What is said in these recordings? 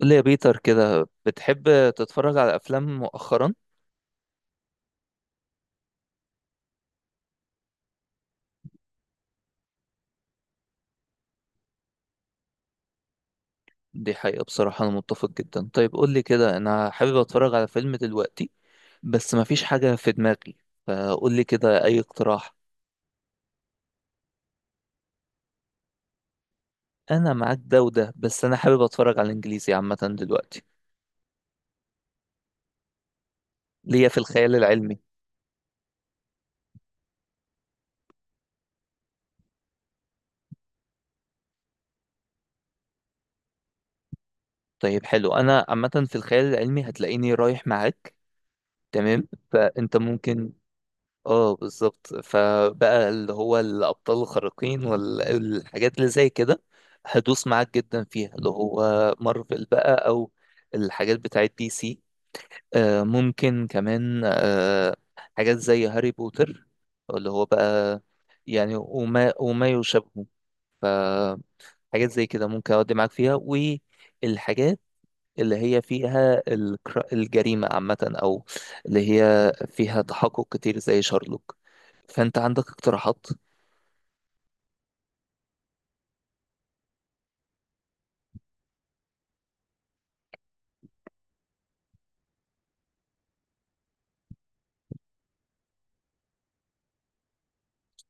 قول لي يا بيتر كده، بتحب تتفرج على افلام مؤخرا؟ دي حقيقة، بصراحة انا متفق جدا. طيب قول لي كده، انا حابب اتفرج على فيلم دلوقتي بس مفيش حاجة في دماغي، فقول لي كده اي اقتراح. انا معاك ده وده، بس انا حابب اتفرج على الانجليزي عامة دلوقتي. ليا في الخيال العلمي. طيب حلو، انا عامة في الخيال العلمي هتلاقيني رايح معاك. تمام، فانت ممكن. اه بالظبط، فبقى اللي هو الابطال الخارقين والحاجات اللي زي كده هدوس معاك جدا فيها، اللي هو مارفل بقى او الحاجات بتاعت دي سي. ممكن كمان حاجات زي هاري بوتر، اللي هو بقى يعني وما يشابهه. فحاجات زي كده ممكن اودي معاك فيها، والحاجات اللي هي فيها الجريمة عامة أو اللي هي فيها تحقق كتير زي شارلوك. فانت عندك اقتراحات؟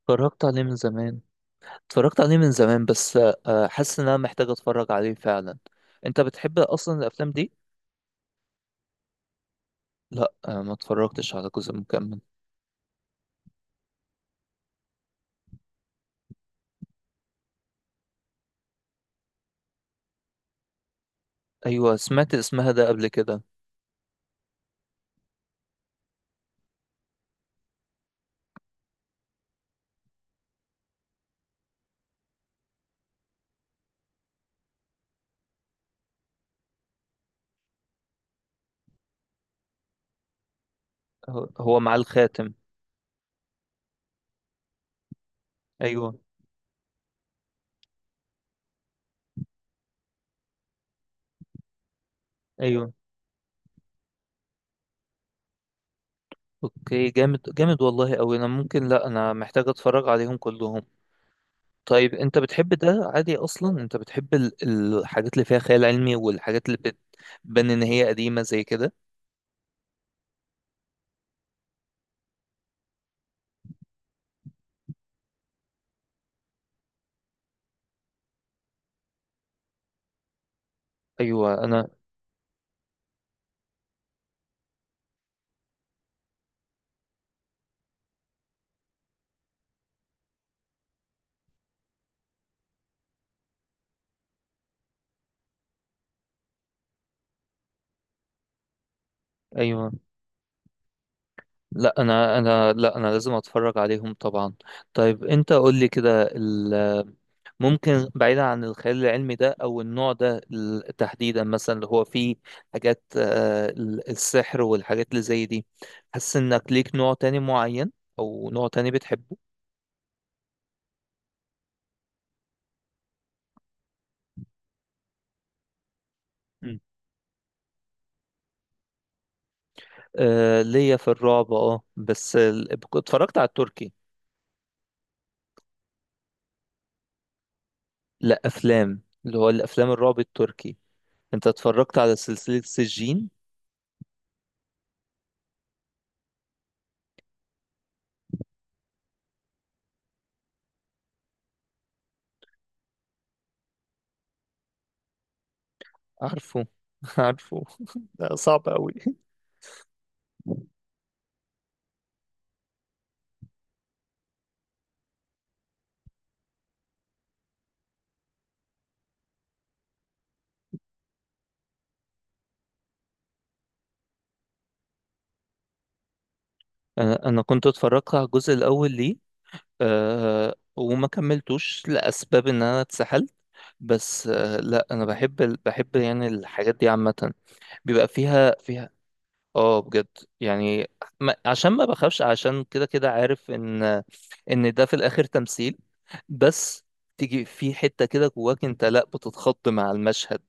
اتفرجت عليه من زمان. اتفرجت عليه من زمان بس حاسس ان انا محتاج اتفرج عليه فعلا. انت بتحب اصلا الافلام دي؟ لا ما اتفرجتش على جزء مكمل. ايوه سمعت اسمها ده قبل كده. هو مع الخاتم. ايوه. ايوه. اوكي جامد جامد والله اوي، انا ممكن، لا انا محتاج اتفرج عليهم كلهم. طيب انت بتحب ده عادي اصلا؟ انت بتحب الحاجات اللي فيها خيال علمي والحاجات اللي بتبان ان هي قديمة زي كده؟ ايوه. انا ايوه. لا انا لازم اتفرج عليهم طبعا. طيب انت قول لي كده، ممكن بعيدا عن الخيال العلمي ده او النوع ده، تحديدا مثلا اللي هو فيه حاجات السحر والحاجات اللي زي دي، حاسس انك ليك نوع تاني معين او نوع تاني بتحبه؟ مم. آه ليا في الرعب اه، بس اتفرجت على التركي. لا افلام، اللي هو الافلام الرعب التركي. انت اتفرجت على سلسلة سجين؟ عارفه. عارفه ده صعب قوي. انا كنت اتفرجت على الجزء الاول ليه، أه، وما كملتوش لاسباب ان انا اتسحلت، بس أه لا، انا بحب بحب يعني الحاجات دي عامه، بيبقى فيها فيها. اه بجد. يعني ما عشان ما بخافش، عشان كده كده عارف ان ان ده في الاخر تمثيل، بس تيجي في حتة كده جواك انت لا بتتخض مع المشهد،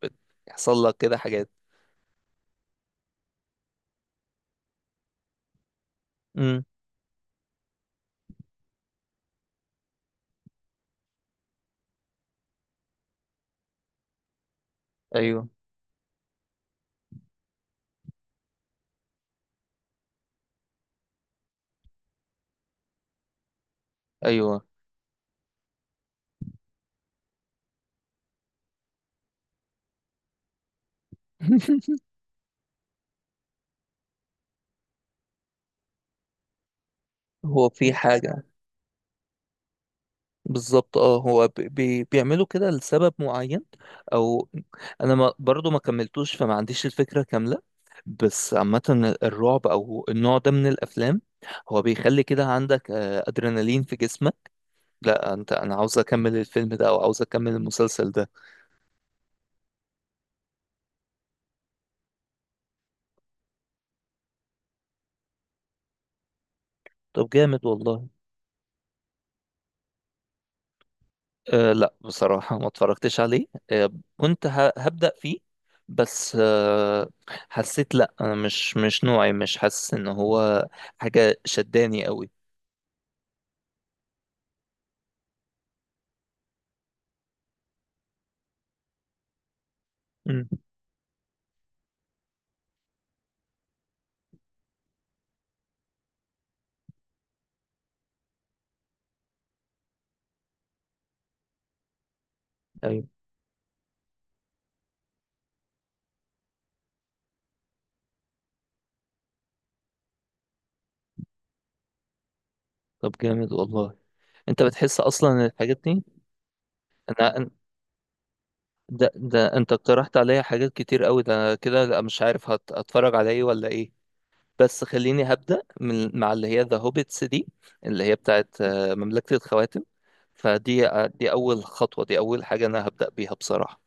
بيحصل لك كده حاجات. امم. ايوه. ايوه. هو في حاجة، بالظبط اه، هو ب- بي بيعملوا كده لسبب معين او، انا ما برضو ما كملتوش فما عنديش الفكرة كاملة، بس عامة الرعب او النوع ده من الافلام هو بيخلي كده عندك ادرينالين في جسمك، لا انت، انا عاوز اكمل الفيلم ده او عاوز اكمل المسلسل ده. طب جامد والله. أه لا بصراحة ما اتفرجتش عليه. أه كنت هبدأ فيه، بس أه حسيت لا انا مش نوعي، مش حاسس ان هو حاجة شداني قوي. امم. ايوه. طب جامد والله. انت بتحس اصلا إن الحاجات دي، انا أن- ده انت اقترحت عليا حاجات كتير قوي، ده كده لا مش عارف هت... هتفرج على ايه ولا ايه، بس خليني هبدأ من مع اللي هي ذا هوبيتس دي، اللي هي بتاعت مملكة الخواتم، فدي دي اول خطوة، دي اول حاجة انا هبدأ بيها بصراحة.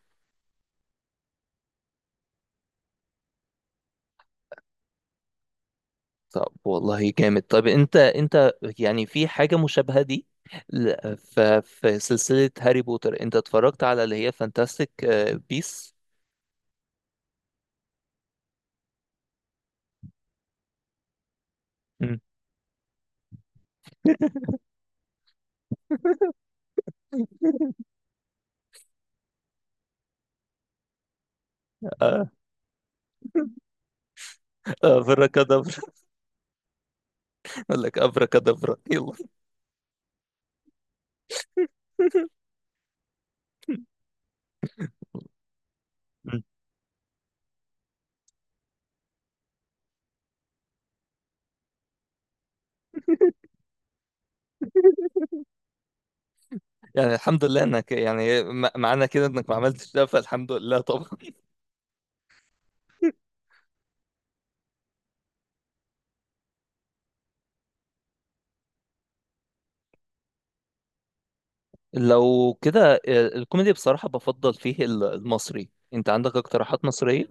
طب والله جامد. طب انت يعني في حاجة مشابهة دي، ل- ف- في سلسلة هاري بوتر، انت اتفرجت على اللي هي فانتاستيك بيس؟ آه. افركادابرا. اقول لك افركادابرا يلا. مم. يعني الحمد لله انك يعني معنى كده انك ما عملتش ده، فالحمد لله طبعا. لو كده الكوميدي بصراحة بفضل فيه المصري. انت عندك اقتراحات مصرية؟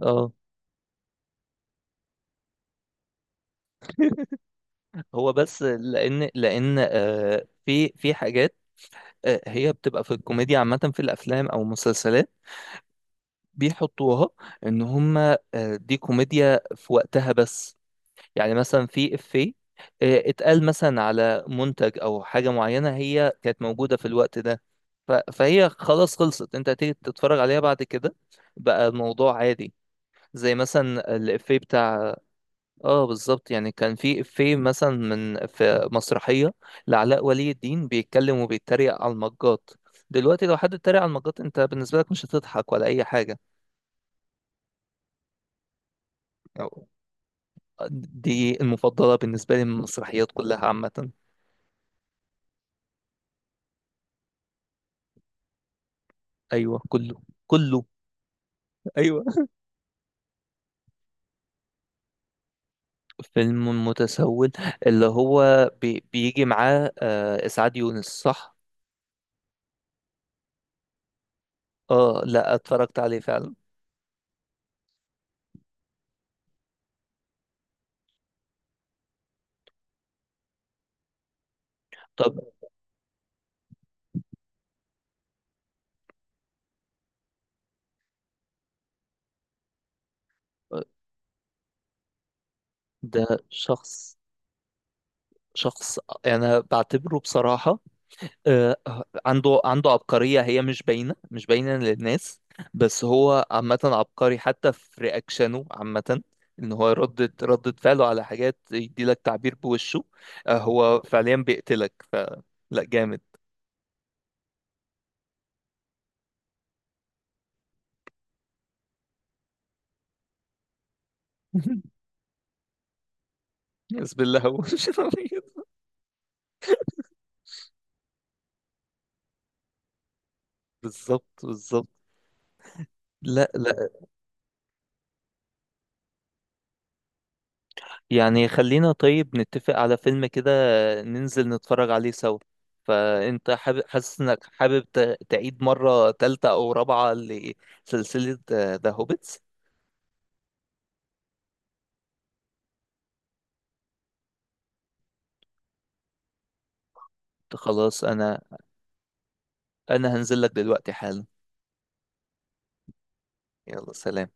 اه. هو بس لان في في حاجات هي بتبقى في الكوميديا عامة، في الافلام او المسلسلات بيحطوها ان هم دي كوميديا في وقتها بس، يعني مثلا في افيه اتقال مثلا على منتج او حاجه معينه هي كانت موجوده في الوقت ده، فهي خلاص خلصت، انت هتيجي تتفرج عليها بعد كده بقى الموضوع عادي، زي مثلا الافيه بتاع، اه بالظبط، يعني كان في افيه مثلا من في مسرحيه لعلاء ولي الدين بيتكلم وبيتريق على المجات، دلوقتي لو حد اتريق على المجات انت بالنسبه لك مش هتضحك ولا اي حاجه. أو- دي المفضله بالنسبه لي من المسرحيات كلها عامه. ايوه كله. كله. ايوه. فيلم متسول اللي هو بيجي معاه آه اسعاد يونس، صح؟ اه لا اتفرجت عليه فعلا. طب ده شخص، شخص انا بعتبره بصراحة آه، عنده عبقرية هي مش باينة، مش باينة للناس، بس هو عامة عبقري حتى في رياكشنه عامة، ان هو ردة فعله على حاجات يديلك تعبير بوشه آه، هو فعليا بيقتلك فلا، جامد. بسم الله. هو بالظبط بالظبط. لا لا. يعني خلينا طيب نتفق على فيلم كده، ننزل نتفرج عليه سوا. فانت حابب، حاسس انك حابب تعيد مرة تالتة او رابعة لسلسلة ذا هوبيتس؟ خلاص. انا هنزل لك دلوقتي حالا. يلا سلام.